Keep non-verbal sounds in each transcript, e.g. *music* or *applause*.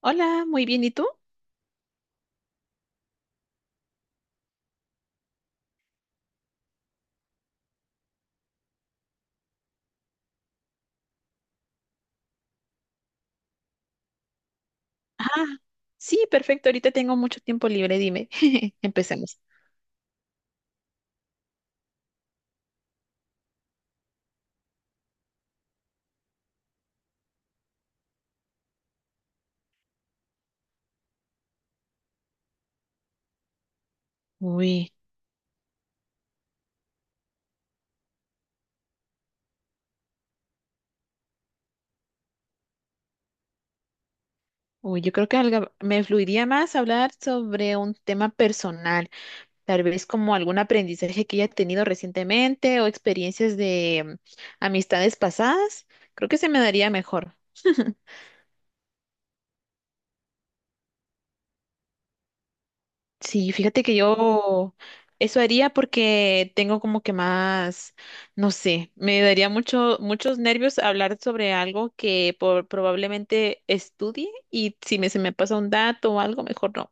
Hola, muy bien, ¿y tú? Ah, sí, perfecto, ahorita tengo mucho tiempo libre, dime. *laughs* Empecemos. Uy, uy, yo creo que me fluiría más hablar sobre un tema personal, tal vez como algún aprendizaje que haya tenido recientemente o experiencias de amistades pasadas. Creo que se me daría mejor. Sí, fíjate que yo eso haría porque tengo como que más, no sé, me daría muchos nervios hablar sobre algo que probablemente estudie y si se me pasa un dato o algo, mejor no.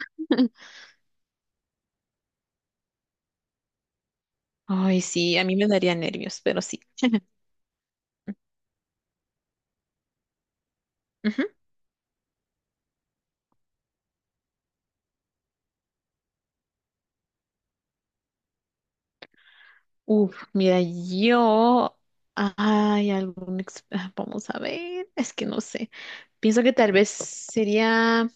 *laughs* Ay, sí, a mí me daría nervios, pero sí. Ujú. Uf, mira, yo... Ay, Vamos a ver, es que no sé. Pienso que tal vez sería...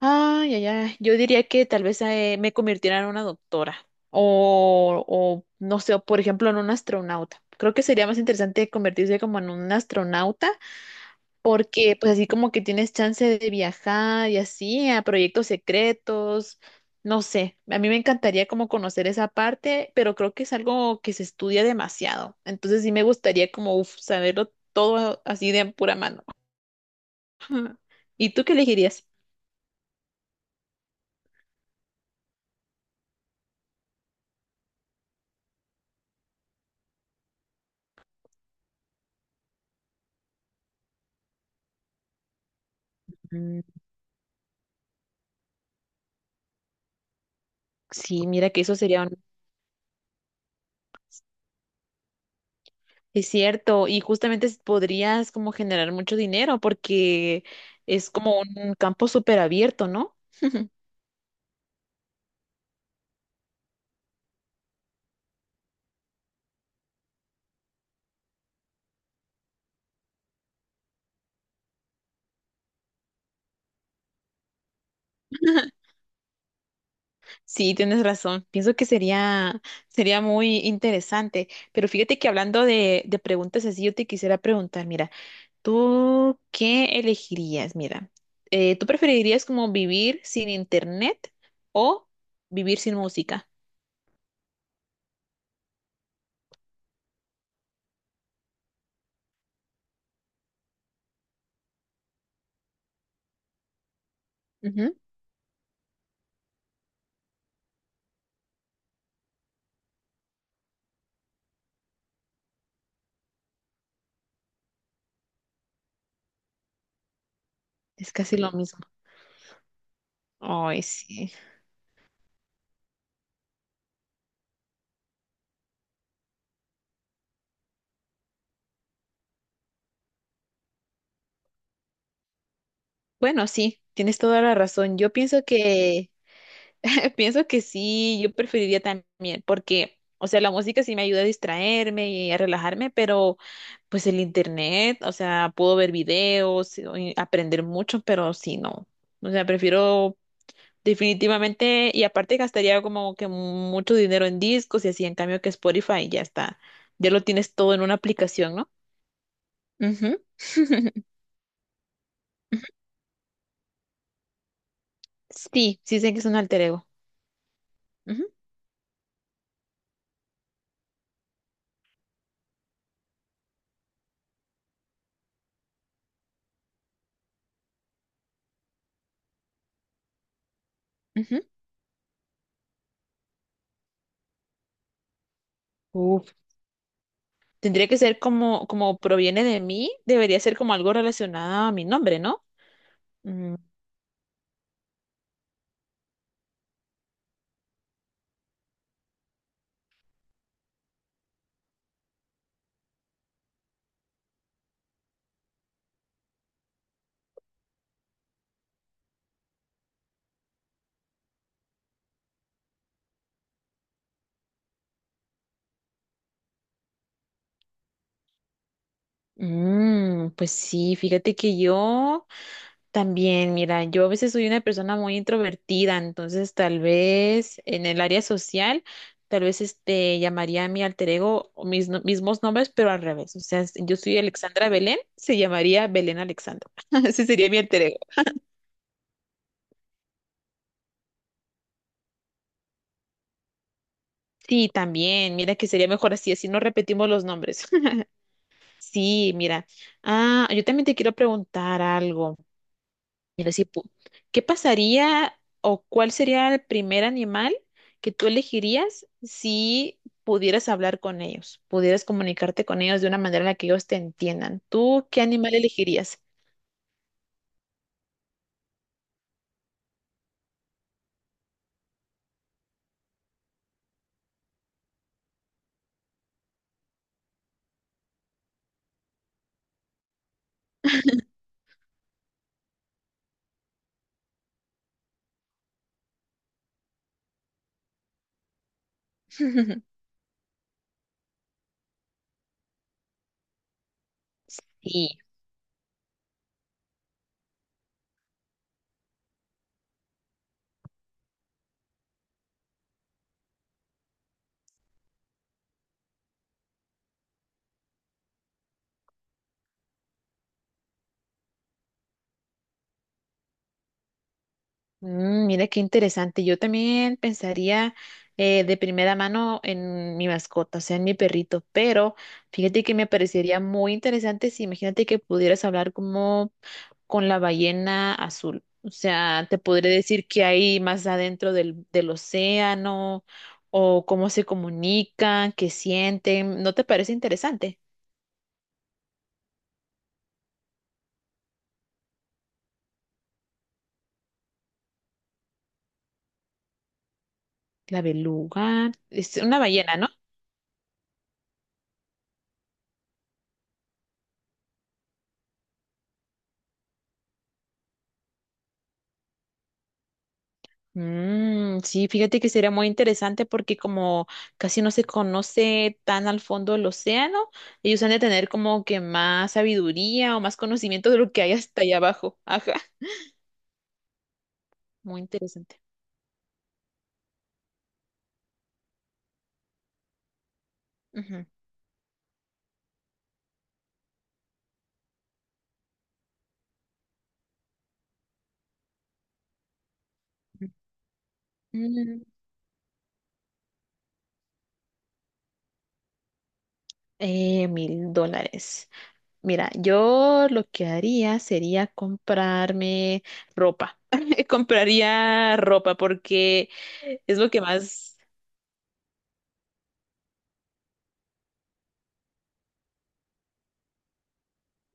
Ay, ay, ay. Yo diría que tal vez me convirtiera en una doctora no sé, o, por ejemplo, en un astronauta. Creo que sería más interesante convertirse como en un astronauta porque pues así como que tienes chance de viajar y así a proyectos secretos, no sé. A mí me encantaría como conocer esa parte, pero creo que es algo que se estudia demasiado. Entonces sí me gustaría como uf, saberlo todo así de pura mano. ¿Y tú qué elegirías? Mm. Sí, mira que eso sería. Es cierto, y justamente podrías como generar mucho dinero porque es como un campo súper abierto, ¿no? *laughs* Sí, tienes razón. Sería muy interesante. Pero fíjate que hablando de preguntas así, yo te quisiera preguntar, mira, ¿tú qué elegirías? Mira, ¿tú preferirías como vivir sin internet o vivir sin música? Ujú. Es casi lo mismo. Ay, sí. Bueno, sí, tienes toda la razón. Yo pienso que *laughs* pienso que sí, yo preferiría también, porque, o sea, la música sí me ayuda a distraerme y a relajarme, pero pues el internet, o sea, puedo ver videos o y aprender mucho, pero sí, no. O sea, prefiero definitivamente, y aparte gastaría como que mucho dinero en discos y así, en cambio que Spotify ya está, ya lo tienes todo en una aplicación, ¿no? Ujú. *laughs* Sí, sí sé que es un alter ego. Ujú, ujú. Tendría que ser como, como proviene de mí, debería ser como algo relacionado a mi nombre, ¿no? Mm, mm, pues sí, fíjate que yo también, mira, yo a veces soy una persona muy introvertida, entonces tal vez en el área social, tal vez este llamaría a mi alter ego o mis mismos nombres, pero al revés. O sea, si yo soy Alexandra Belén, se llamaría Belén Alexandra. *laughs* Ese sería mi alter ego. Sí, también, mira que sería mejor así, así no repetimos los nombres. Sí, mira. Ah, yo también te quiero preguntar algo. Mira, si pu- ¿qué pasaría o cuál sería el primer animal que tú elegirías si pudieras hablar con ellos, pudieras comunicarte con ellos de una manera en la que ellos te entiendan? ¿Tú qué animal elegirías? *laughs* Sí. Mm, mira qué interesante. Yo también pensaría de primera mano en mi mascota, o sea, en mi perrito, pero fíjate que me parecería muy interesante si imagínate que pudieras hablar como con la ballena azul. O sea, te podré decir qué hay más adentro del océano o cómo se comunican, qué sienten. ¿No te parece interesante? La beluga es una ballena, ¿no? Mm, sí, fíjate que sería muy interesante porque como casi no se conoce tan al fondo del océano, ellos han de tener como que más sabiduría o más conocimiento de lo que hay hasta allá abajo. *laughs* Ajá, muy interesante. Ujú. Mm, $1000. Mira, yo lo que haría sería comprarme ropa. *laughs* Compraría ropa porque es lo que más.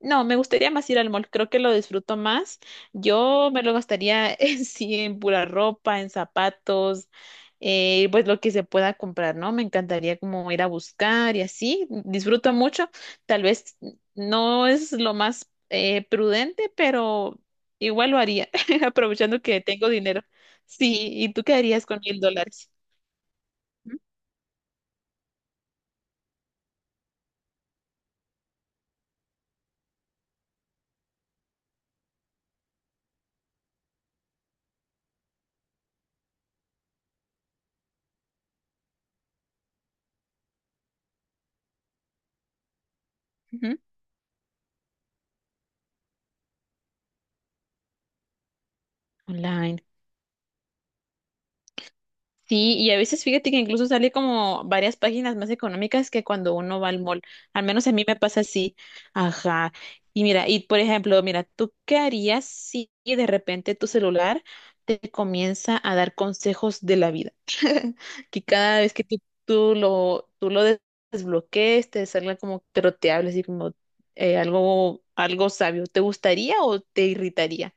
No, me gustaría más ir al mall, creo que lo disfruto más. Yo me lo gastaría *laughs* en sí, en pura ropa, en zapatos, pues lo que se pueda comprar, ¿no? Me encantaría como ir a buscar y así. Disfruto mucho. Tal vez no es lo más prudente, pero igual lo haría, *laughs* aprovechando que tengo dinero. Sí, ¿y tú qué harías con $1000? Ujú. Online. Sí, y a veces fíjate que incluso sale como varias páginas más económicas que cuando uno va al mall. Al menos a mí me pasa así. Ajá. Y mira, y por ejemplo, mira, ¿tú qué harías si de repente tu celular te comienza a dar consejos de la vida? Que cada vez que tú lo, tú lo des- desbloquees, te salga como, pero te hables así como algo, algo sabio. ¿Te gustaría o te irritaría?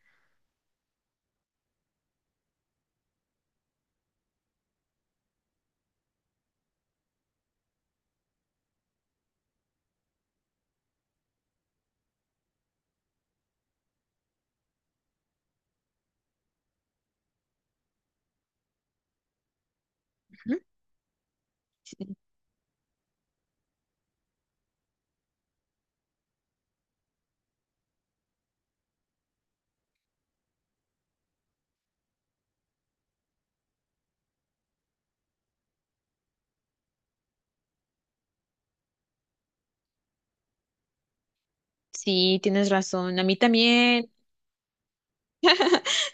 Ujú. Sí, tienes razón. A mí también.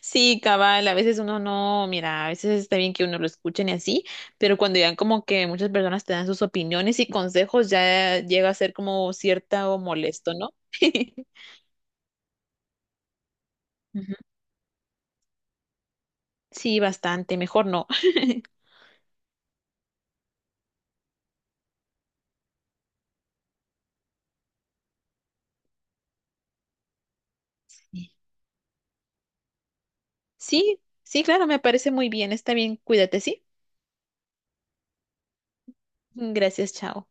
Sí, cabal, a veces uno no, mira, a veces está bien que uno lo escuchen y así, pero cuando ya como que muchas personas te dan sus opiniones y consejos, ya llega a ser como cierta o molesto, ¿no? *laughs* Ujú. Sí, bastante, mejor no. *laughs* Sí. Sí, sí, claro, me parece muy bien, está bien, cuídate, ¿sí? Gracias, chao.